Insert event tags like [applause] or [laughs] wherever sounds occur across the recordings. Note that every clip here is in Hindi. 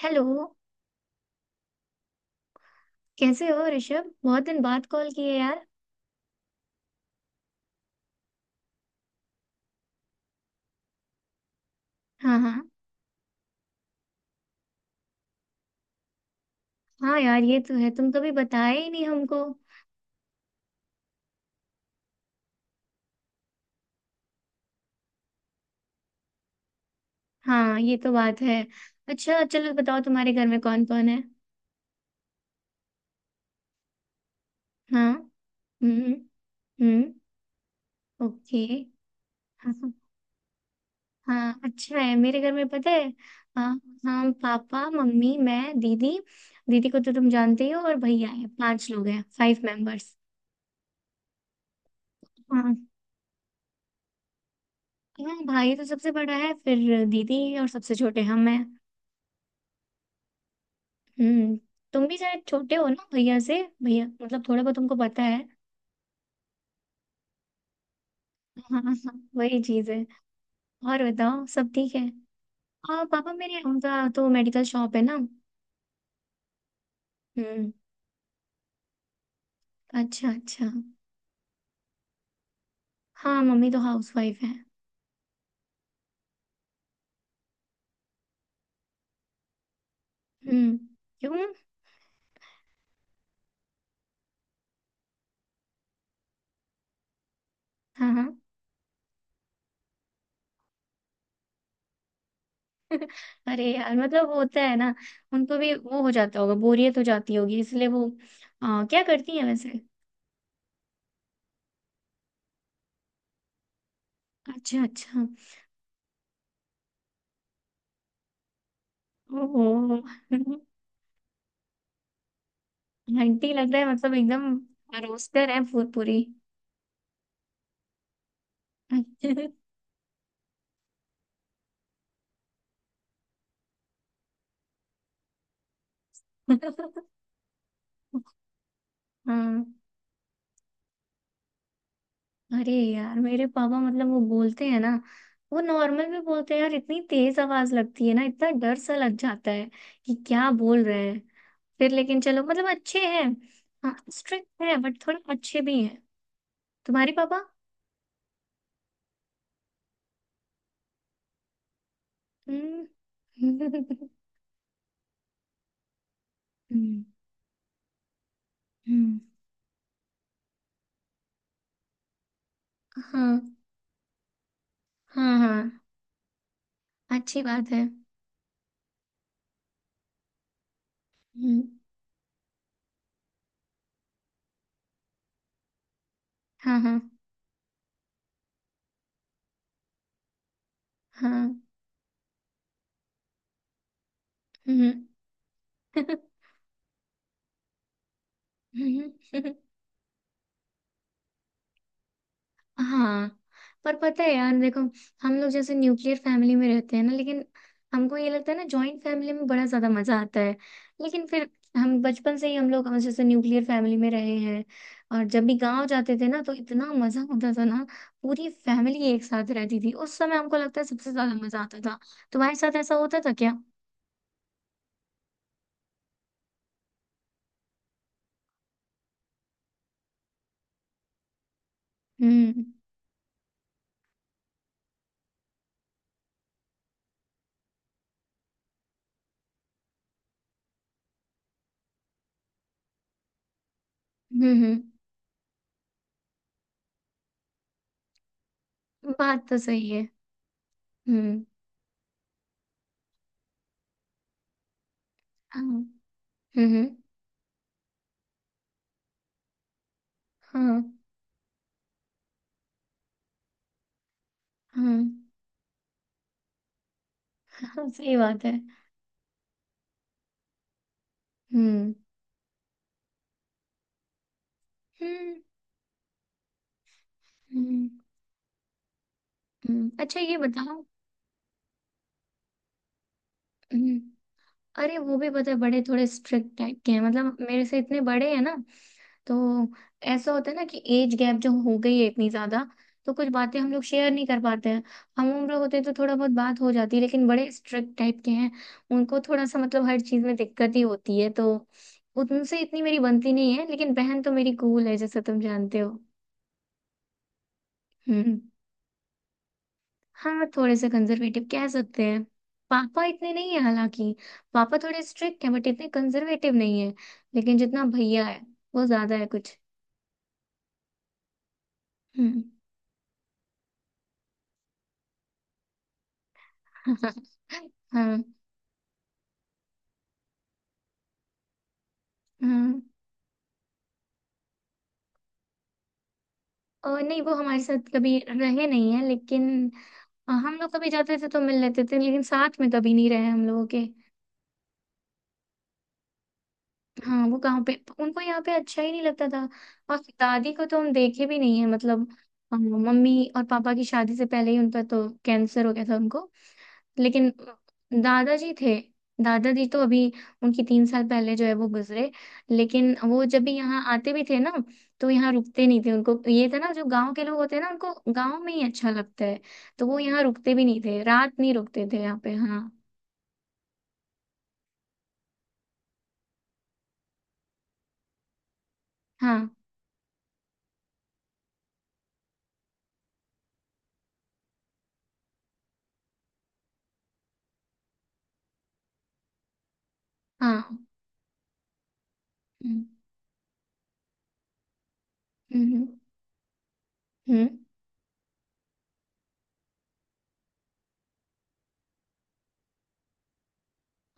हेलो। कैसे हो ऋषभ? बहुत दिन बाद कॉल किए यार। हाँ हाँ। हाँ यार, ये तो है, तुम कभी बताए ही नहीं हमको। हाँ ये तो बात है। अच्छा चलो बताओ तुम्हारे घर में कौन कौन है। हाँ। हम्म। हम्म। ओके। हाँ हाँ। हाँ, अच्छा है। मेरे घर में पता है, हाँ हाँ, पापा मम्मी मैं दीदी। दीदी को तो तुम जानते ही हो और भैया है, पांच लोग हैं, फाइव मेंबर्स। हाँ। हाँ भाई तो सबसे बड़ा है, फिर दीदी और सबसे छोटे हम हैं। हम्म। तुम भी शायद छोटे हो ना भैया से, भैया मतलब थोड़ा बहुत तुमको पता है। [laughs] हाँ हाँ वही चीज है। और बताओ सब ठीक है? और पापा मेरे, उनका तो मेडिकल शॉप है ना। हम्म। अच्छा अच्छा। हाँ मम्मी तो हाउस वाइफ है। हम्म। क्यों? हाँ हाँ। अरे यार मतलब वो होता है ना, उनको भी वो हो जाता होगा, बोरियत हो जाती होगी इसलिए वो। क्या करती है वैसे? अच्छा अच्छा। ओह। [laughs] आंटी लग रहा है मतलब एकदम। रोस्टर है पूरी। [laughs] [laughs] हाँ। अरे यार मेरे पापा मतलब वो बोलते हैं ना, वो नॉर्मल में बोलते हैं यार, इतनी तेज आवाज लगती है ना, इतना डर सा लग जाता है कि क्या बोल रहे हैं। फिर लेकिन चलो मतलब अच्छे हैं। हाँ स्ट्रिक्ट है बट थोड़े अच्छे भी हैं। तुम्हारे पापा? हम्म। [laughs] हम्म। हम्म। हाँ हाँ। हाँ, अच्छी बात है। हम्म। हाँ हाँ हाँ। हम्म। [laughs] [laughs] हाँ। पर पता है यार देखो, हम लोग जैसे न्यूक्लियर फैमिली में रहते हैं ना, लेकिन हमको ये लगता है ना जॉइंट फैमिली में बड़ा ज्यादा मजा आता है। लेकिन फिर हम बचपन से ही हम लोग जैसे न्यूक्लियर फैमिली में रहे हैं। और जब भी गांव जाते थे ना तो इतना मजा होता था ना। पूरी फैमिली एक साथ रहती थी उस समय, हमको लगता है सबसे ज्यादा मजा आता था। तुम्हारे साथ ऐसा होता था क्या? हम्म हम्म। बात तो सही है। हम्म। हाँ। हम्म। हाँ हाँ। हाँ, सही बात है। हम्म। हम्म हम्म। हम्म। अच्छा ये बताओ। हम्म। अरे वो भी पता है, बड़े थोड़े स्ट्रिक्ट टाइप के हैं मतलब, मेरे से इतने बड़े हैं ना, तो ऐसा होता है ना कि एज गैप जो हो गई है इतनी ज्यादा, तो कुछ बातें हम लोग शेयर नहीं कर पाते हैं। हम उम्र होते तो थोड़ा बहुत बात हो जाती है, लेकिन बड़े स्ट्रिक्ट टाइप के हैं। उनको थोड़ा सा मतलब हर चीज में दिक्कत ही होती है, तो उनसे इतनी मेरी बनती नहीं है। लेकिन बहन तो मेरी कूल है, जैसे तुम जानते हो। हम्म। हाँ, थोड़े से कंजर्वेटिव कह सकते हैं। पापा इतने नहीं है हालांकि। पापा थोड़े स्ट्रिक्ट हैं बट इतने कंजर्वेटिव नहीं है। लेकिन जितना भैया है वो ज्यादा है कुछ। हम्म। [laughs] हाँ हाँ। और नहीं, वो हमारे साथ कभी रहे नहीं है लेकिन हम लोग कभी जाते थे तो मिल लेते थे, लेकिन साथ में कभी नहीं रहे हम लोगों के। हाँ वो कहाँ पे, उनको यहाँ पे अच्छा ही नहीं लगता था। और दादी को तो हम देखे भी नहीं है, मतलब मम्मी और पापा की शादी से पहले ही उनका तो कैंसर हो गया था उनको। लेकिन दादाजी थे। दादाजी तो अभी, उनकी तीन साल पहले जो है वो गुजरे। लेकिन वो जब भी यहाँ आते भी थे ना, तो यहाँ रुकते नहीं थे। उनको ये था ना, जो गांव के लोग होते हैं ना उनको गांव में ही अच्छा लगता है। तो वो यहाँ रुकते भी नहीं थे, रात नहीं रुकते थे यहाँ पे, हाँ। हाँ हाँ। हम्म हम्म हम्म।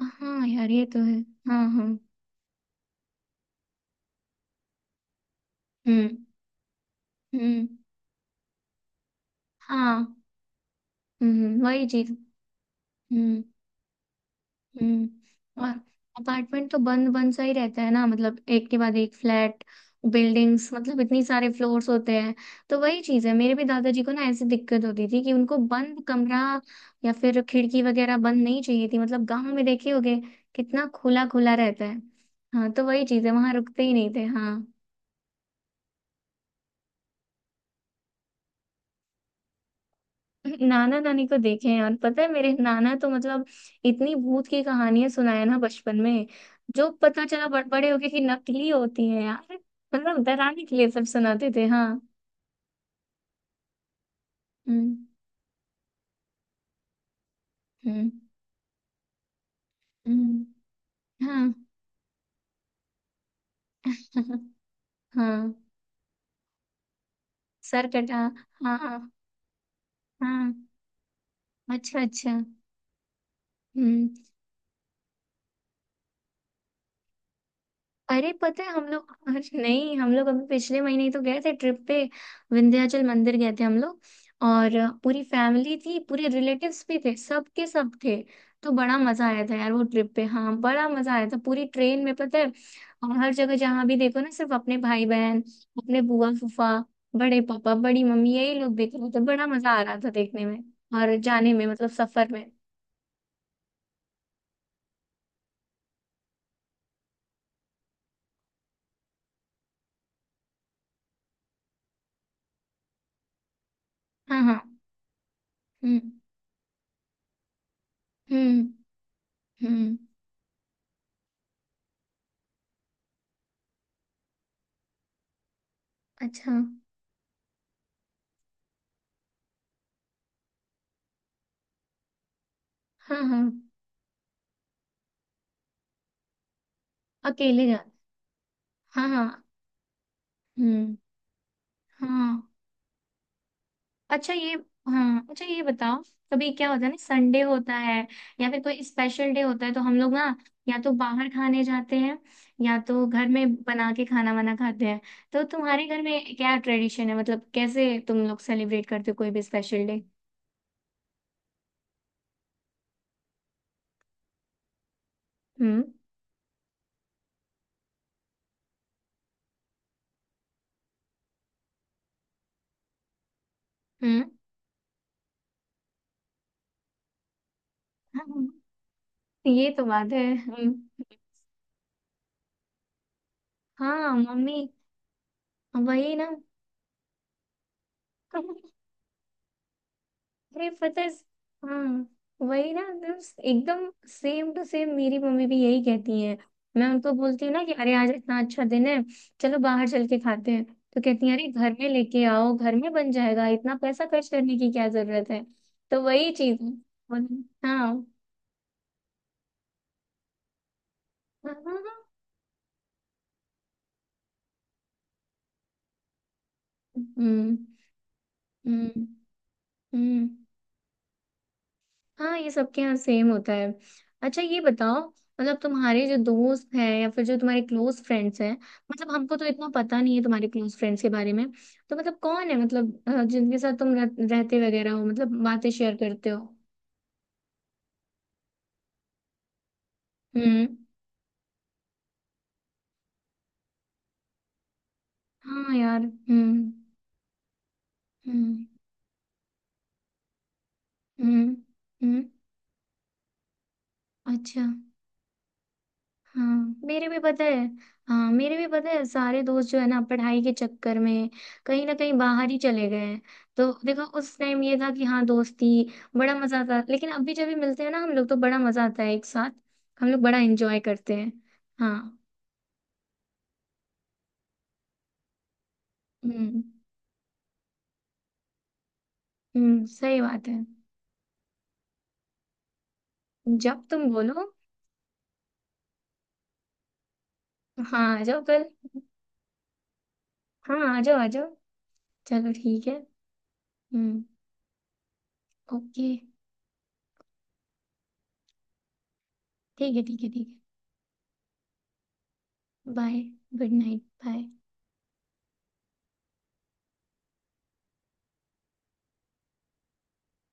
हाँ यार ये तो है। हाँ हाँ। हम्म हम्म। हाँ। वही चीज। हम्म। हम्म। और अपार्टमेंट तो बंद बंद सा ही रहता है ना, मतलब एक के बाद एक फ्लैट। बिल्डिंग्स मतलब इतनी सारे फ्लोर्स होते हैं। तो वही चीज है, मेरे भी दादाजी को ना ऐसी दिक्कत होती थी कि उनको बंद कमरा या फिर खिड़की वगैरह बंद नहीं चाहिए थी। मतलब गांव में देखे होगे कितना खुला खुला रहता है। हाँ तो वही चीज है, वहां रुकते ही नहीं थे, हाँ। नाना नानी को देखे हैं यार। पता है मेरे नाना तो मतलब, इतनी भूत की कहानियां सुनाए ना बचपन में, जो पता चला बड़े होके कि नकली होती हैं यार। मतलब डराने के लिए सब सुनाते थे, हाँ। हम्म हम्म हम्म। हाँ। [laughs] हाँ सर कटा। हाँ हाँ। अच्छा अच्छा। हम्म। अरे पता है हम लोग [laughs] अरे नहीं, हम लोग अभी पिछले महीने ही तो गए थे ट्रिप पे। विंध्याचल मंदिर गए थे हम लोग। और पूरी फैमिली थी, पूरे रिलेटिव्स भी थे, सब के सब थे। तो बड़ा मजा आया था यार वो ट्रिप पे। हाँ बड़ा मजा आया था। पूरी ट्रेन में पता है, और हर जगह जहाँ भी देखो ना, सिर्फ अपने भाई बहन, अपने बुआ फूफा, बड़े पापा बड़ी मम्मी, यही लोग देख रहे थे। बड़ा मजा आ रहा था देखने में, और जाने में मतलब सफर में। हाँ हाँ। हम्म हम्म हम्म। अच्छा। हाँ हाँ। अकेले जाते। हाँ हाँ। हम्म। हाँ अच्छा ये, हाँ अच्छा ये बताओ, कभी क्या होता है ना, संडे होता है या फिर कोई स्पेशल डे होता है तो हम लोग ना, या तो बाहर खाने जाते हैं, या तो घर में बना के खाना वाना खाते हैं। तो तुम्हारे घर में क्या ट्रेडिशन है, मतलब कैसे तुम लोग सेलिब्रेट करते हो कोई भी स्पेशल डे? हम्म हम्म। हाँ, ये तो बात है। हम्म। हाँ मम्मी। वही ना। [laughs] अरे पता है। हाँ वही ना एकदम। एकदम सेम टू सेम, मेरी मम्मी भी यही कहती है। मैं उनको बोलती हूँ ना कि अरे आज इतना अच्छा दिन है, चलो बाहर चल के खाते हैं। तो कहती है अरे घर में लेके आओ, घर में बन जाएगा, इतना पैसा खर्च करने की क्या जरूरत है। तो वही चीज है। और- हाँ हाँ। हाँ हाँ। हम्म हम्म हम्म। हाँ ये सबके यहाँ सेम होता है। अच्छा ये बताओ, मतलब तुम्हारे जो दोस्त हैं या फिर जो तुम्हारे क्लोज फ्रेंड्स हैं, मतलब हमको तो इतना पता नहीं है तुम्हारे क्लोज फ्रेंड्स के बारे में। तो मतलब कौन है, मतलब जिनके साथ तुम रहते वगैरह हो, मतलब बातें शेयर करते हो। हम्म। हाँ यार। हम्म। हम्म हम्म हम्म। अच्छा। हाँ मेरे भी पता है। हाँ मेरे भी पता है, सारे दोस्त जो है ना, पढ़ाई के चक्कर में कहीं ना कहीं बाहर ही चले गए हैं। तो देखो उस टाइम ये था कि हाँ दोस्ती बड़ा मजा आता, लेकिन अभी जब भी मिलते हैं ना हम लोग तो बड़ा मजा आता है एक साथ, हम लोग बड़ा एंजॉय करते हैं। हाँ। हम्म। हम्म, सही बात है। जब तुम बोलो। हाँ आ जाओ कल। हाँ आ जाओ आ जाओ। चलो ठीक है। हम्म। ओके। ठीक है ठीक है ठीक। है बाय। Good night bye.